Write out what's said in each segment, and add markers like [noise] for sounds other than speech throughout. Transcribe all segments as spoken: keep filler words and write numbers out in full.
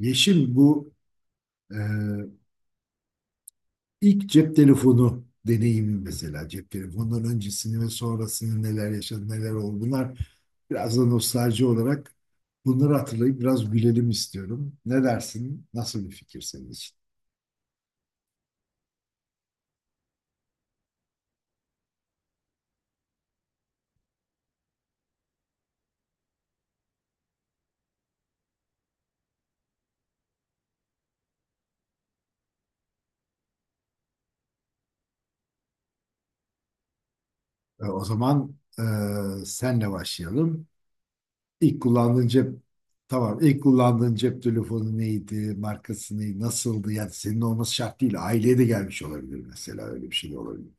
Yeşim, bu e, ilk cep telefonu deneyimi, mesela cep telefonundan öncesini ve sonrasını, neler yaşadı, neler oldu, bunlar biraz da nostalji olarak, bunları hatırlayıp biraz gülelim istiyorum. Ne dersin? Nasıl bir fikir senin için? E, o zaman e, senle başlayalım. İlk kullandığın cep Tamam, ilk kullandığın cep telefonu neydi? Markası neydi? Nasıldı? Yani senin olması şart değil. Aileye de gelmiş olabilir, mesela öyle bir şey de olabilir.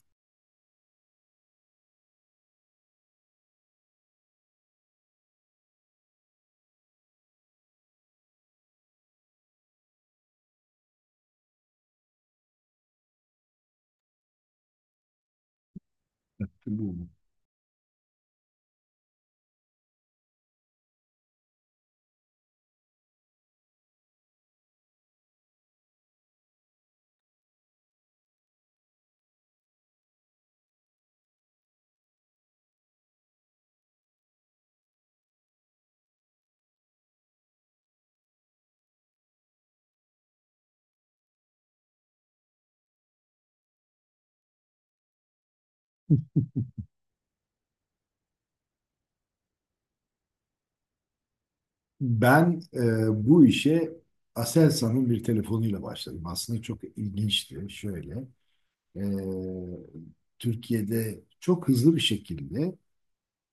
Bu Ben e, Bu işe Aselsan'ın bir telefonuyla başladım. Aslında çok ilginçti. Şöyle, e, Türkiye'de çok hızlı bir şekilde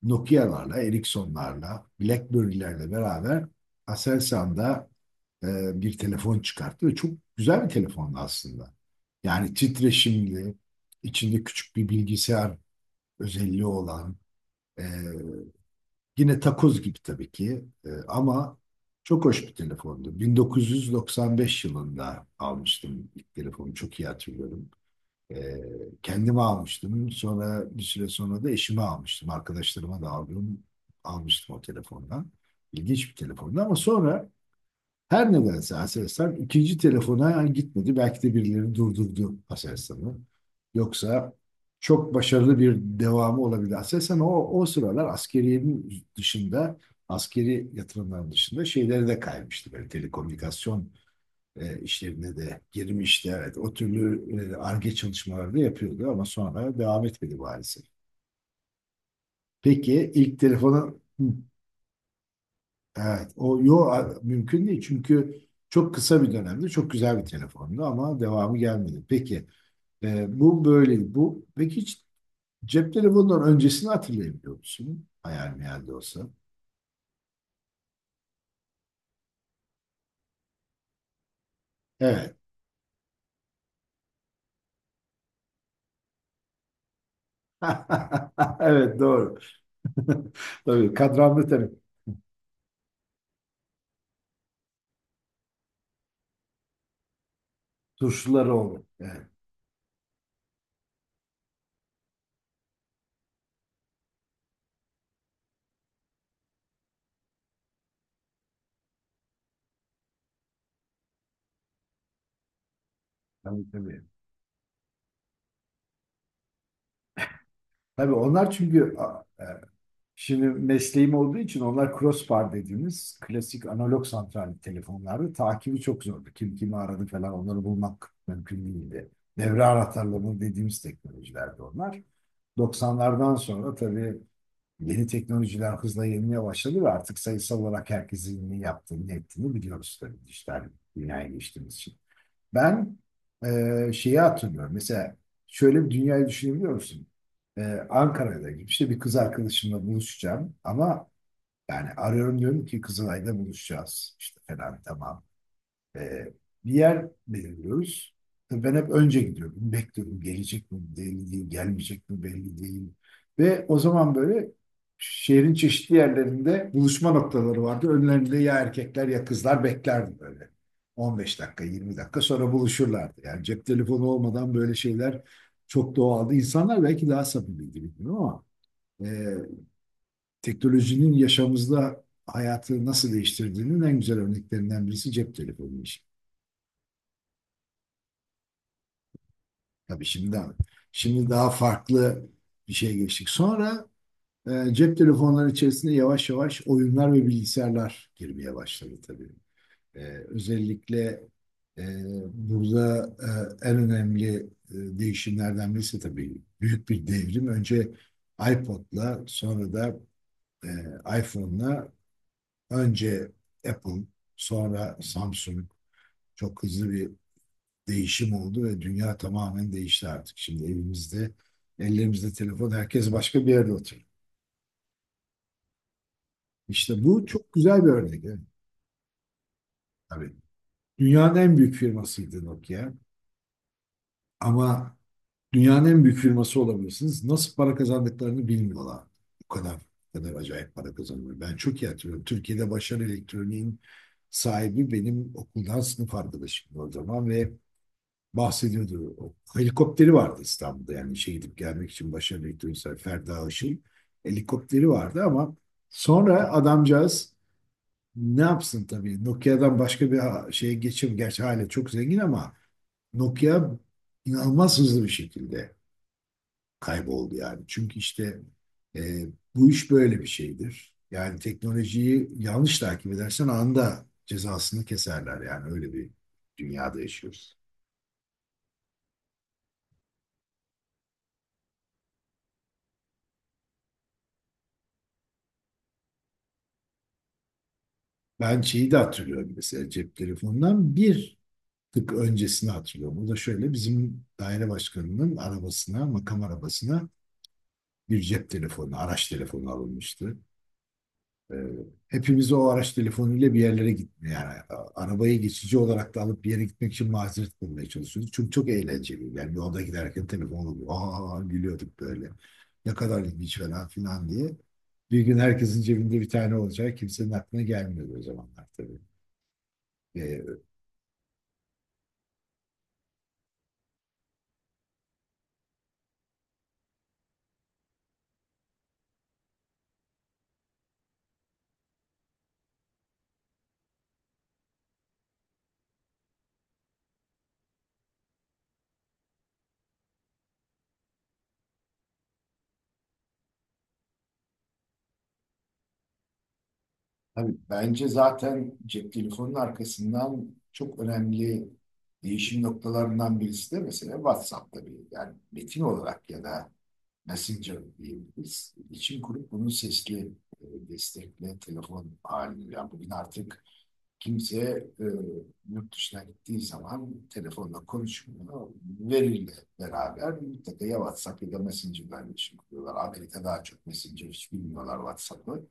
Nokia'larla, Ericsson'larla, BlackBerry'lerle beraber Aselsan'da e, bir telefon çıkarttı ve çok güzel bir telefondu aslında. Yani titreşimli, içinde küçük bir bilgisayar özelliği olan, e, yine takoz gibi tabii ki, Ee, ama çok hoş bir telefondu. bin dokuz yüz doksan beş yılında almıştım ilk telefonu. Çok iyi hatırlıyorum. Ee, Kendime almıştım. Sonra bir süre sonra da eşime almıştım. Arkadaşlarıma da aldım, almıştım o telefondan. İlginç bir telefondu ama sonra her nedense Aselsan ikinci telefona gitmedi. Belki de birileri durdurdu Aselsan'ı. Yoksa çok başarılı bir devamı olabilir. Aselsan o, o sıralar askeriyenin dışında, askeri yatırımların dışında şeyleri de kaymıştı. Böyle telekomünikasyon e, işlerine de girmişti. Evet, o türlü e, Ar-Ge çalışmaları da yapıyordu ama sonra devam etmedi maalesef. Peki ilk telefonu... Evet, o yo a- mümkün değil çünkü çok kısa bir dönemde çok güzel bir telefondu ama devamı gelmedi. Peki e, bu böyle bu peki hiç cep telefonundan öncesini hatırlayabiliyor musun? Hayal meyal de olsa. Evet. [laughs] Evet, doğru. [laughs] Tabii kadranlı, tabii tuşları olur. Evet. Tabii, tabii. Tabii onlar çünkü a- e, şimdi mesleğim olduğu için, onlar crossbar dediğimiz klasik analog santral telefonlardı. Takibi çok zordu. Kim kimi aradı falan, onları bulmak mümkün değildi. Devre anahtarları dediğimiz teknolojilerdi onlar. doksanlardan sonra tabii yeni teknolojiler hızla yenilmeye başladı ve artık sayısal olarak herkesin ne yaptığını, ne ettiğini biliyoruz, tabii dijital dünyaya geçtiğimiz için. Ben e, şeyi hatırlıyorum. Mesela şöyle bir dünyayı düşünebiliyor musun? E, Ankara'da gibi işte bir kız arkadaşımla buluşacağım ama yani arıyorum, diyorum ki Kızılay'da buluşacağız. İşte falan tamam. Ee, Bir yer belirliyoruz. Tabii ben hep önce gidiyorum. Bekliyorum. Gelecek mi belli değil, gelmeyecek mi belli değil. Ve o zaman böyle şehrin çeşitli yerlerinde buluşma noktaları vardı. Önlerinde ya erkekler ya kızlar beklerdi böyle. on beş dakika, yirmi dakika sonra buluşurlardı. Yani cep telefonu olmadan böyle şeyler çok doğaldı. İnsanlar belki daha samimiydi bilmiyorum ama e, teknolojinin yaşamımızda hayatı nasıl değiştirdiğinin en güzel örneklerinden birisi cep telefonu. Tabii şimdi şimdi daha farklı bir şey geçtik. Sonra e, cep telefonları içerisinde yavaş yavaş oyunlar ve bilgisayarlar girmeye başladı tabii. E, Özellikle e, burada e, en önemli e, değişimlerden birisi tabii büyük bir devrim. Önce iPod'la, sonra da e, iPhone'la, önce Apple, sonra Samsung, çok hızlı bir değişim oldu ve dünya tamamen değişti artık. Şimdi evimizde, ellerimizde telefon, herkes başka bir yerde oturuyor. İşte bu çok güzel bir örnek. Evet. Tabii. Dünyanın en büyük firmasıydı Nokia. Ama dünyanın en büyük firması olabilirsiniz, nasıl para kazandıklarını bilmiyorlar. Bu kadar, bu kadar acayip para kazanıyor. Ben çok iyi hatırlıyorum. Türkiye'de Başarı Elektronik'in sahibi benim okuldan sınıf arkadaşım o zaman ve bahsediyordu. O helikopteri vardı İstanbul'da, yani şey, gidip gelmek için, başarılı elektronisyen Ferda Işık'ın helikopteri vardı ama sonra adamcağız ne yapsın, tabii Nokia'dan başka bir ha- şeye geçim, gerçi hala çok zengin ama Nokia inanılmaz hızlı bir şekilde kayboldu yani. Çünkü işte e, bu iş böyle bir şeydir. Yani teknolojiyi yanlış takip edersen anında cezasını keserler, yani öyle bir dünyada yaşıyoruz. Ben şeyi de hatırlıyorum, mesela cep telefonundan bir tık öncesini hatırlıyorum. O da şöyle, bizim daire başkanının arabasına, makam arabasına bir cep telefonu, araç telefonu alınmıştı. Ee, Hepimiz o araç telefonuyla bir yerlere gitme, yani a- arabayı geçici olarak da alıp bir yere gitmek için mazeret bulmaya çalışıyorduk. Çünkü çok eğlenceliydi. Yani yolda giderken telefon oluyor. Aa, gülüyorduk böyle. Ne kadar ilginç falan filan diye. Bir gün herkesin cebinde bir tane olacak, kimsenin aklına gelmiyordu o zamanlar tabii. Ee, Tabii bence zaten cep telefonunun arkasından çok önemli değişim noktalarından birisi de mesela WhatsApp tabii. Yani metin olarak ya da Messenger diyebiliriz. İçin kurup bunun sesli e, destekle telefon halini. Yani bugün artık kimse e, yurt dışına gittiği zaman telefonla konuşmuyor. Veriyle beraber mutlaka ya WhatsApp ya da Messenger'dan iletişim kuruyorlar. Amerika daha çok Messenger, hiç bilmiyorlar WhatsApp'ı.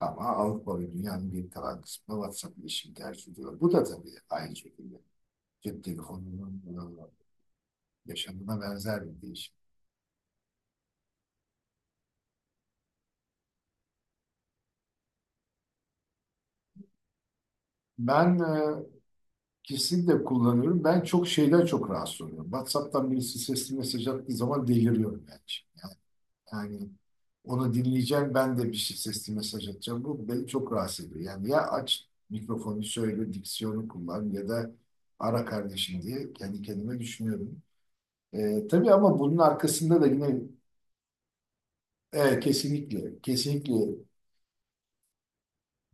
Ama Avrupa ve dünyanın geri kalan kısmı WhatsApp iletişim tercih ediyor. Bu da tabii aynı şekilde cep telefonunun e, yaşamına benzer bir değişim. Ben e, kesinlikle kullanıyorum. Ben çok şeyler çok rahatsız oluyorum. WhatsApp'tan birisi sesli mesaj attığı zaman deliriyorum ben şimdi. Yani onu dinleyeceğim, ben de bir şey sesli mesaj atacağım. Bu beni çok rahatsız ediyor. Yani ya aç mikrofonu söyle, diksiyonu kullan ya da ara kardeşim, diye kendi kendime düşünüyorum. Ee, tabii ama bunun arkasında da yine, evet, kesinlikle, kesinlikle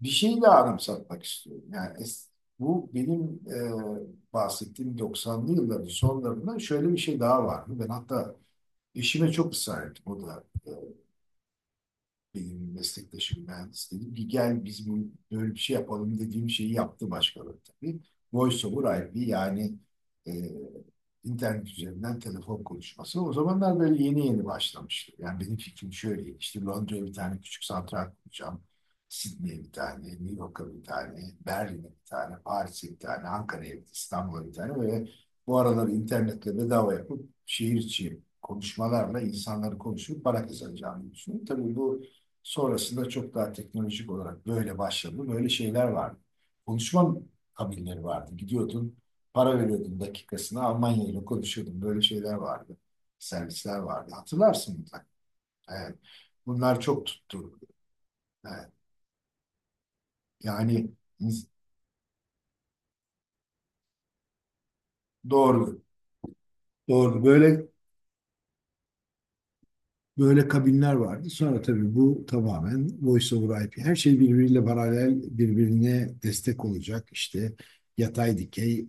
bir şeyle anımsatmak istiyorum. Yani es- bu benim e, bahsettiğim doksanlı yılların sonlarında şöyle bir şey daha vardı. Ben hatta eşime çok ısrar ettim. O da e, benim meslektaşım mühendis dedi ki gel biz bu, böyle bir şey yapalım dediğim şeyi yaptı başkaları tabii. VoiceOver I P, yani e, internet üzerinden telefon konuşması. O zamanlar böyle yeni yeni başlamıştı. Yani benim fikrim şöyle, işte Londra'ya bir tane küçük santral kuracağım. Sydney'e bir tane, New York'a bir tane, Berlin'e bir tane, Paris'e bir tane, Ankara'ya bir, İstanbul'a bir tane ve bu aralar internetle bedava yapıp şehir içi konuşmalarla insanları konuşup para kazanacağını düşünüyorum. Tabii bu sonrasında çok daha teknolojik olarak böyle başladı. Böyle şeyler vardı. Konuşma kabinleri vardı. Gidiyordun, para veriyordun dakikasına. Almanya ile konuşuyordun. Böyle şeyler vardı. Servisler vardı. Hatırlarsın mutlaka. Evet. Bunlar çok tuttu. Evet. Yani ins- doğru. Doğru. Böyle böyle kabinler vardı. Sonra tabii bu tamamen Voice over I P. Her şey birbiriyle paralel, birbirine destek olacak. İşte yatay dikey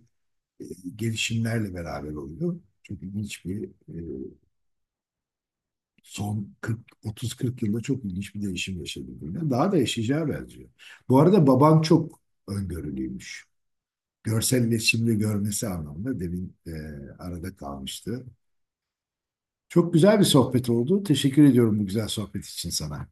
e, gelişimlerle beraber oluyor. Çok ilginç bir e, son 40 otuz kırk yılda çok ilginç bir değişim yaşadı. Daha da yaşayacağı benziyor. Bu arada baban çok öngörülüymüş. Görsel iletişimde görmesi anlamında, demin e, arada kalmıştı. Çok güzel bir sohbet oldu. Teşekkür ediyorum bu güzel sohbet için sana.